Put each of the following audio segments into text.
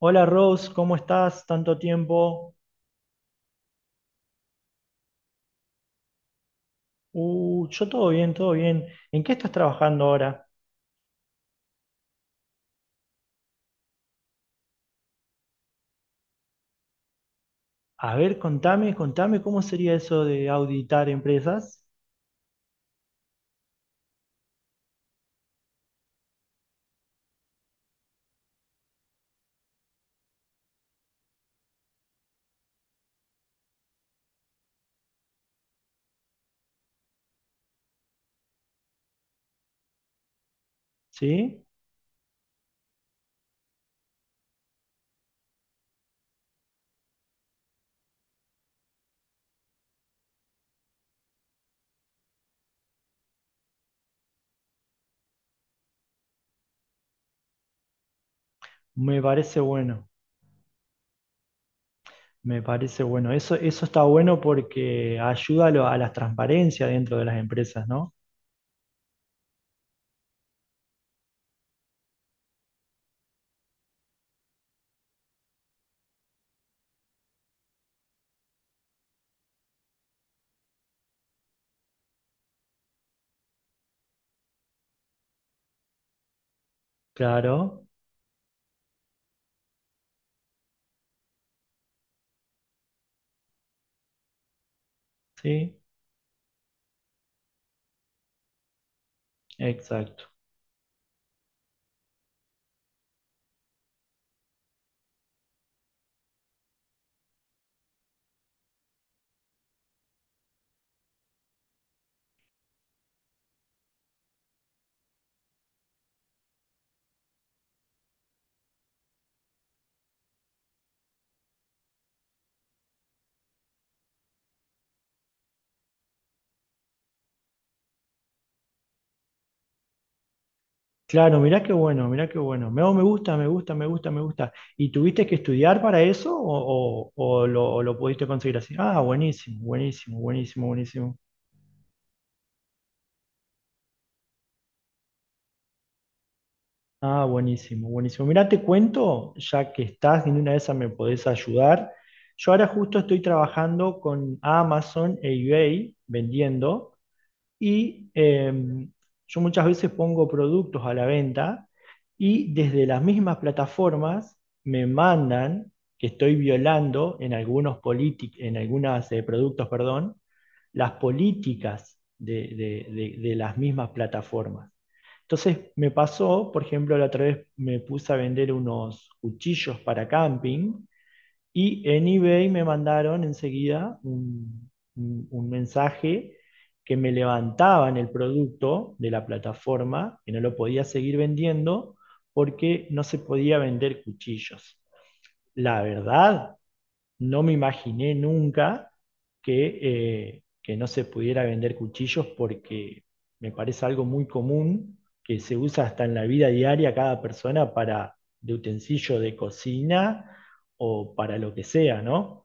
Hola Rose, ¿cómo estás? Tanto tiempo. Yo todo bien, todo bien. ¿En qué estás trabajando ahora? A ver, contame, contame cómo sería eso de auditar empresas, ¿sí? Me parece bueno, me parece bueno. Eso está bueno porque ayuda a la transparencia dentro de las empresas, ¿no? Claro, sí, exacto. Claro, mirá qué bueno, mirá qué bueno. Me, oh, me gusta, me gusta, me gusta, me gusta. ¿Y tuviste que estudiar para eso o lo pudiste conseguir así? Ah, buenísimo, buenísimo, buenísimo, buenísimo. Ah, buenísimo, buenísimo. Mirá, te cuento, ya que estás en una de esas me podés ayudar. Yo ahora justo estoy trabajando con Amazon e eBay vendiendo. Y yo muchas veces pongo productos a la venta y desde las mismas plataformas me mandan que estoy violando en en algunos productos, perdón, las políticas de las mismas plataformas. Entonces me pasó, por ejemplo, la otra vez me puse a vender unos cuchillos para camping y en eBay me mandaron enseguida un mensaje que me levantaban el producto de la plataforma, que no lo podía seguir vendiendo porque no se podía vender cuchillos. La verdad, no me imaginé nunca que, que no se pudiera vender cuchillos porque me parece algo muy común que se usa hasta en la vida diaria cada persona para de utensilio de cocina o para lo que sea, ¿no?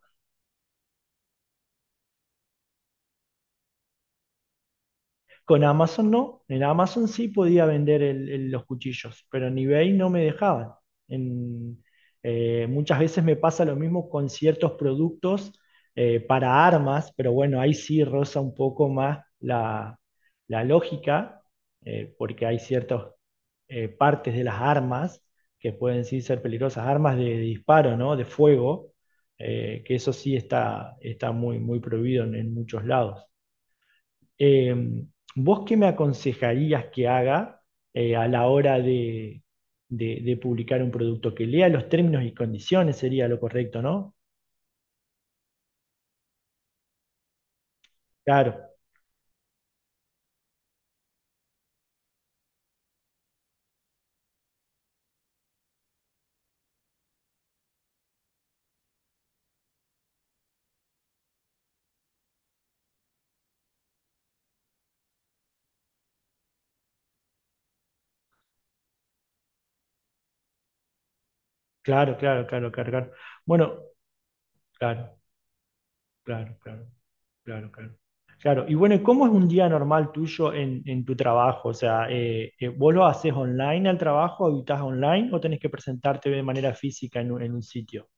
Con Amazon no. En Amazon sí podía vender los cuchillos, pero en eBay no me dejaban. En- Muchas veces me pasa lo mismo con ciertos productos para armas, pero bueno, ahí sí roza un poco más la, la lógica, porque hay ciertas partes de las armas que pueden sí ser peligrosas, armas de disparo, ¿no? De fuego, que eso sí está, está muy, muy prohibido en muchos lados. Eh, ¿Vos qué me aconsejarías que haga a la hora de publicar un producto? Que lea los términos y condiciones sería lo correcto, ¿no? Claro, claro, claro, claro, claro, claro. Bueno, claro, claro, claro, claro, claro. Claro, y bueno, ¿y cómo es un día normal tuyo en tu trabajo? O sea, ¿vos lo haces online al trabajo, habitas online o tenés que presentarte de manera física en un sitio?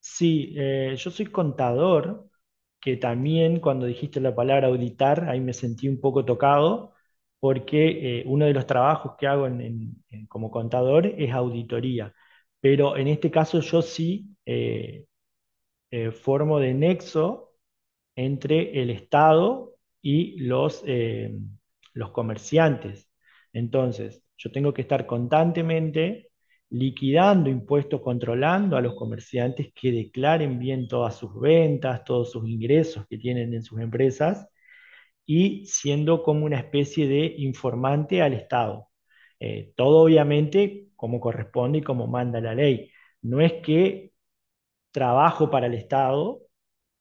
Sí, yo soy contador, que también cuando dijiste la palabra auditar, ahí me sentí un poco tocado, porque uno de los trabajos que hago como contador es auditoría. Pero en este caso yo sí formo de nexo entre el Estado y los comerciantes. Entonces, yo tengo que estar constantemente liquidando impuestos, controlando a los comerciantes que declaren bien todas sus ventas, todos sus ingresos que tienen en sus empresas y siendo como una especie de informante al Estado. Todo obviamente como corresponde y como manda la ley. No es que trabajo para el Estado,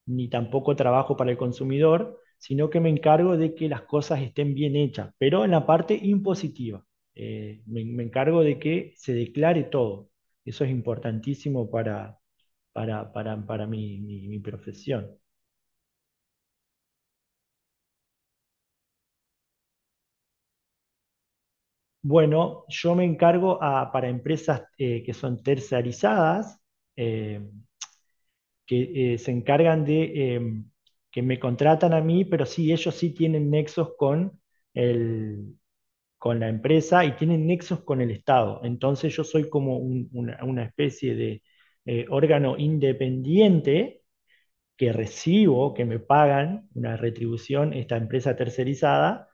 ni tampoco trabajo para el consumidor, sino que me encargo de que las cosas estén bien hechas, pero en la parte impositiva. Me, me encargo de que se declare todo. Eso es importantísimo para mi, mi profesión. Bueno, yo me encargo para empresas que son tercerizadas, eh, que se encargan de que me contratan a mí, pero sí, ellos sí tienen nexos con el, con la empresa y tienen nexos con el Estado. Entonces yo soy como una especie de órgano independiente que recibo, que me pagan una retribución esta empresa tercerizada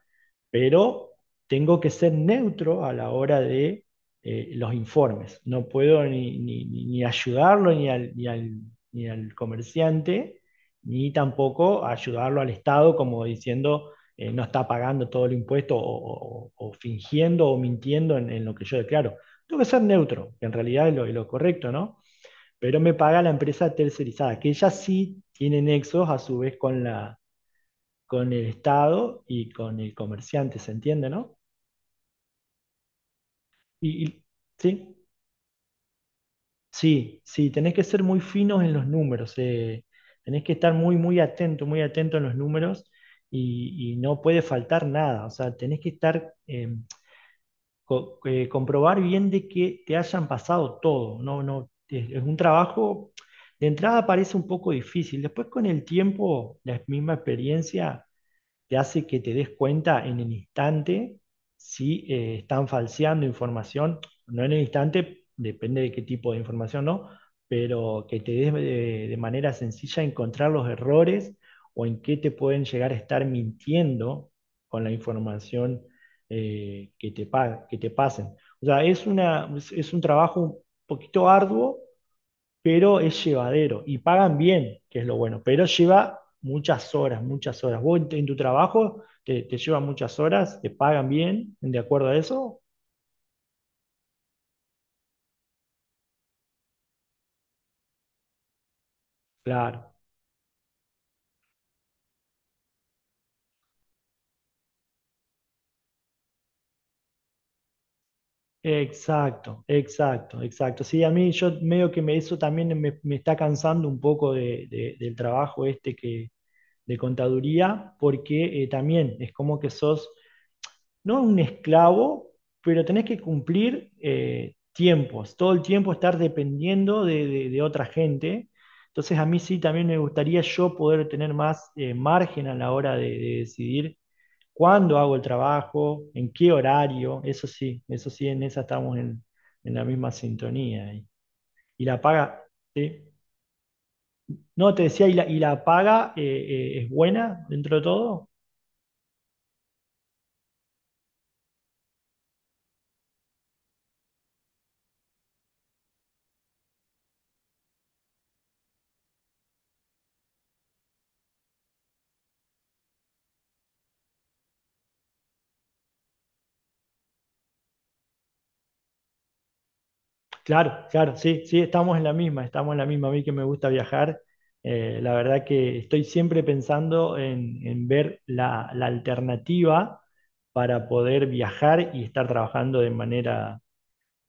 pero tengo que ser neutro a la hora de los informes. No puedo ni, ni ayudarlo ni al, ni al comerciante, ni tampoco ayudarlo al Estado como diciendo no está pagando todo el impuesto o fingiendo o mintiendo en lo que yo declaro. Tengo que ser neutro, que en realidad es lo correcto, ¿no? Pero me paga la empresa tercerizada, que ella sí tiene nexos a su vez con la, con el Estado y con el comerciante, ¿se entiende, no? Y, y- sí, sí, sí, tenés que ser muy finos en los números, tenés que estar muy, muy atento en los números y no puede faltar nada, o sea, tenés que estar, comprobar bien de que te hayan pasado todo, no, no, es un trabajo, de entrada parece un poco difícil, después con el tiempo, la misma experiencia te hace que te des cuenta en el instante si están falseando información, no en el instante, depende de qué tipo de información, ¿no? Pero que te des de manera sencilla encontrar los errores o en qué te pueden llegar a estar mintiendo con la información que te pasen. O sea, es una, es un trabajo un poquito arduo pero es llevadero y pagan bien, que es lo bueno, pero lleva muchas horas, muchas horas. ¿Vos en tu trabajo te, te lleva muchas horas? ¿Te pagan bien de acuerdo a eso? Claro. Exacto, exacto, exacto. Sí, a mí yo medio que me, eso también me está cansando un poco del trabajo este que, de contaduría, porque también es como que sos no un esclavo, pero tenés que cumplir tiempos, todo el tiempo estar dependiendo de, de otra gente. Entonces a mí sí también me gustaría yo poder tener más margen a la hora de decidir cuándo hago el trabajo, en qué horario, eso sí, en esa estamos en la misma sintonía. Y la paga, ¿sí? No, te decía, y la paga es buena dentro de todo? Claro, claro, sí, sí, estamos en la misma, estamos en la misma. A mí que me gusta viajar, la verdad que estoy siempre pensando en ver la, la alternativa para poder viajar y estar trabajando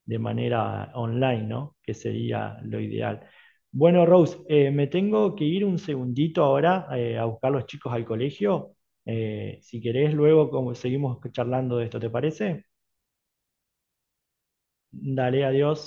de manera online, ¿no? Que sería lo ideal. Bueno, Rose, me tengo que ir un segundito ahora a buscar los chicos al colegio. Si querés, seguimos charlando de esto, ¿te parece? Dale, adiós.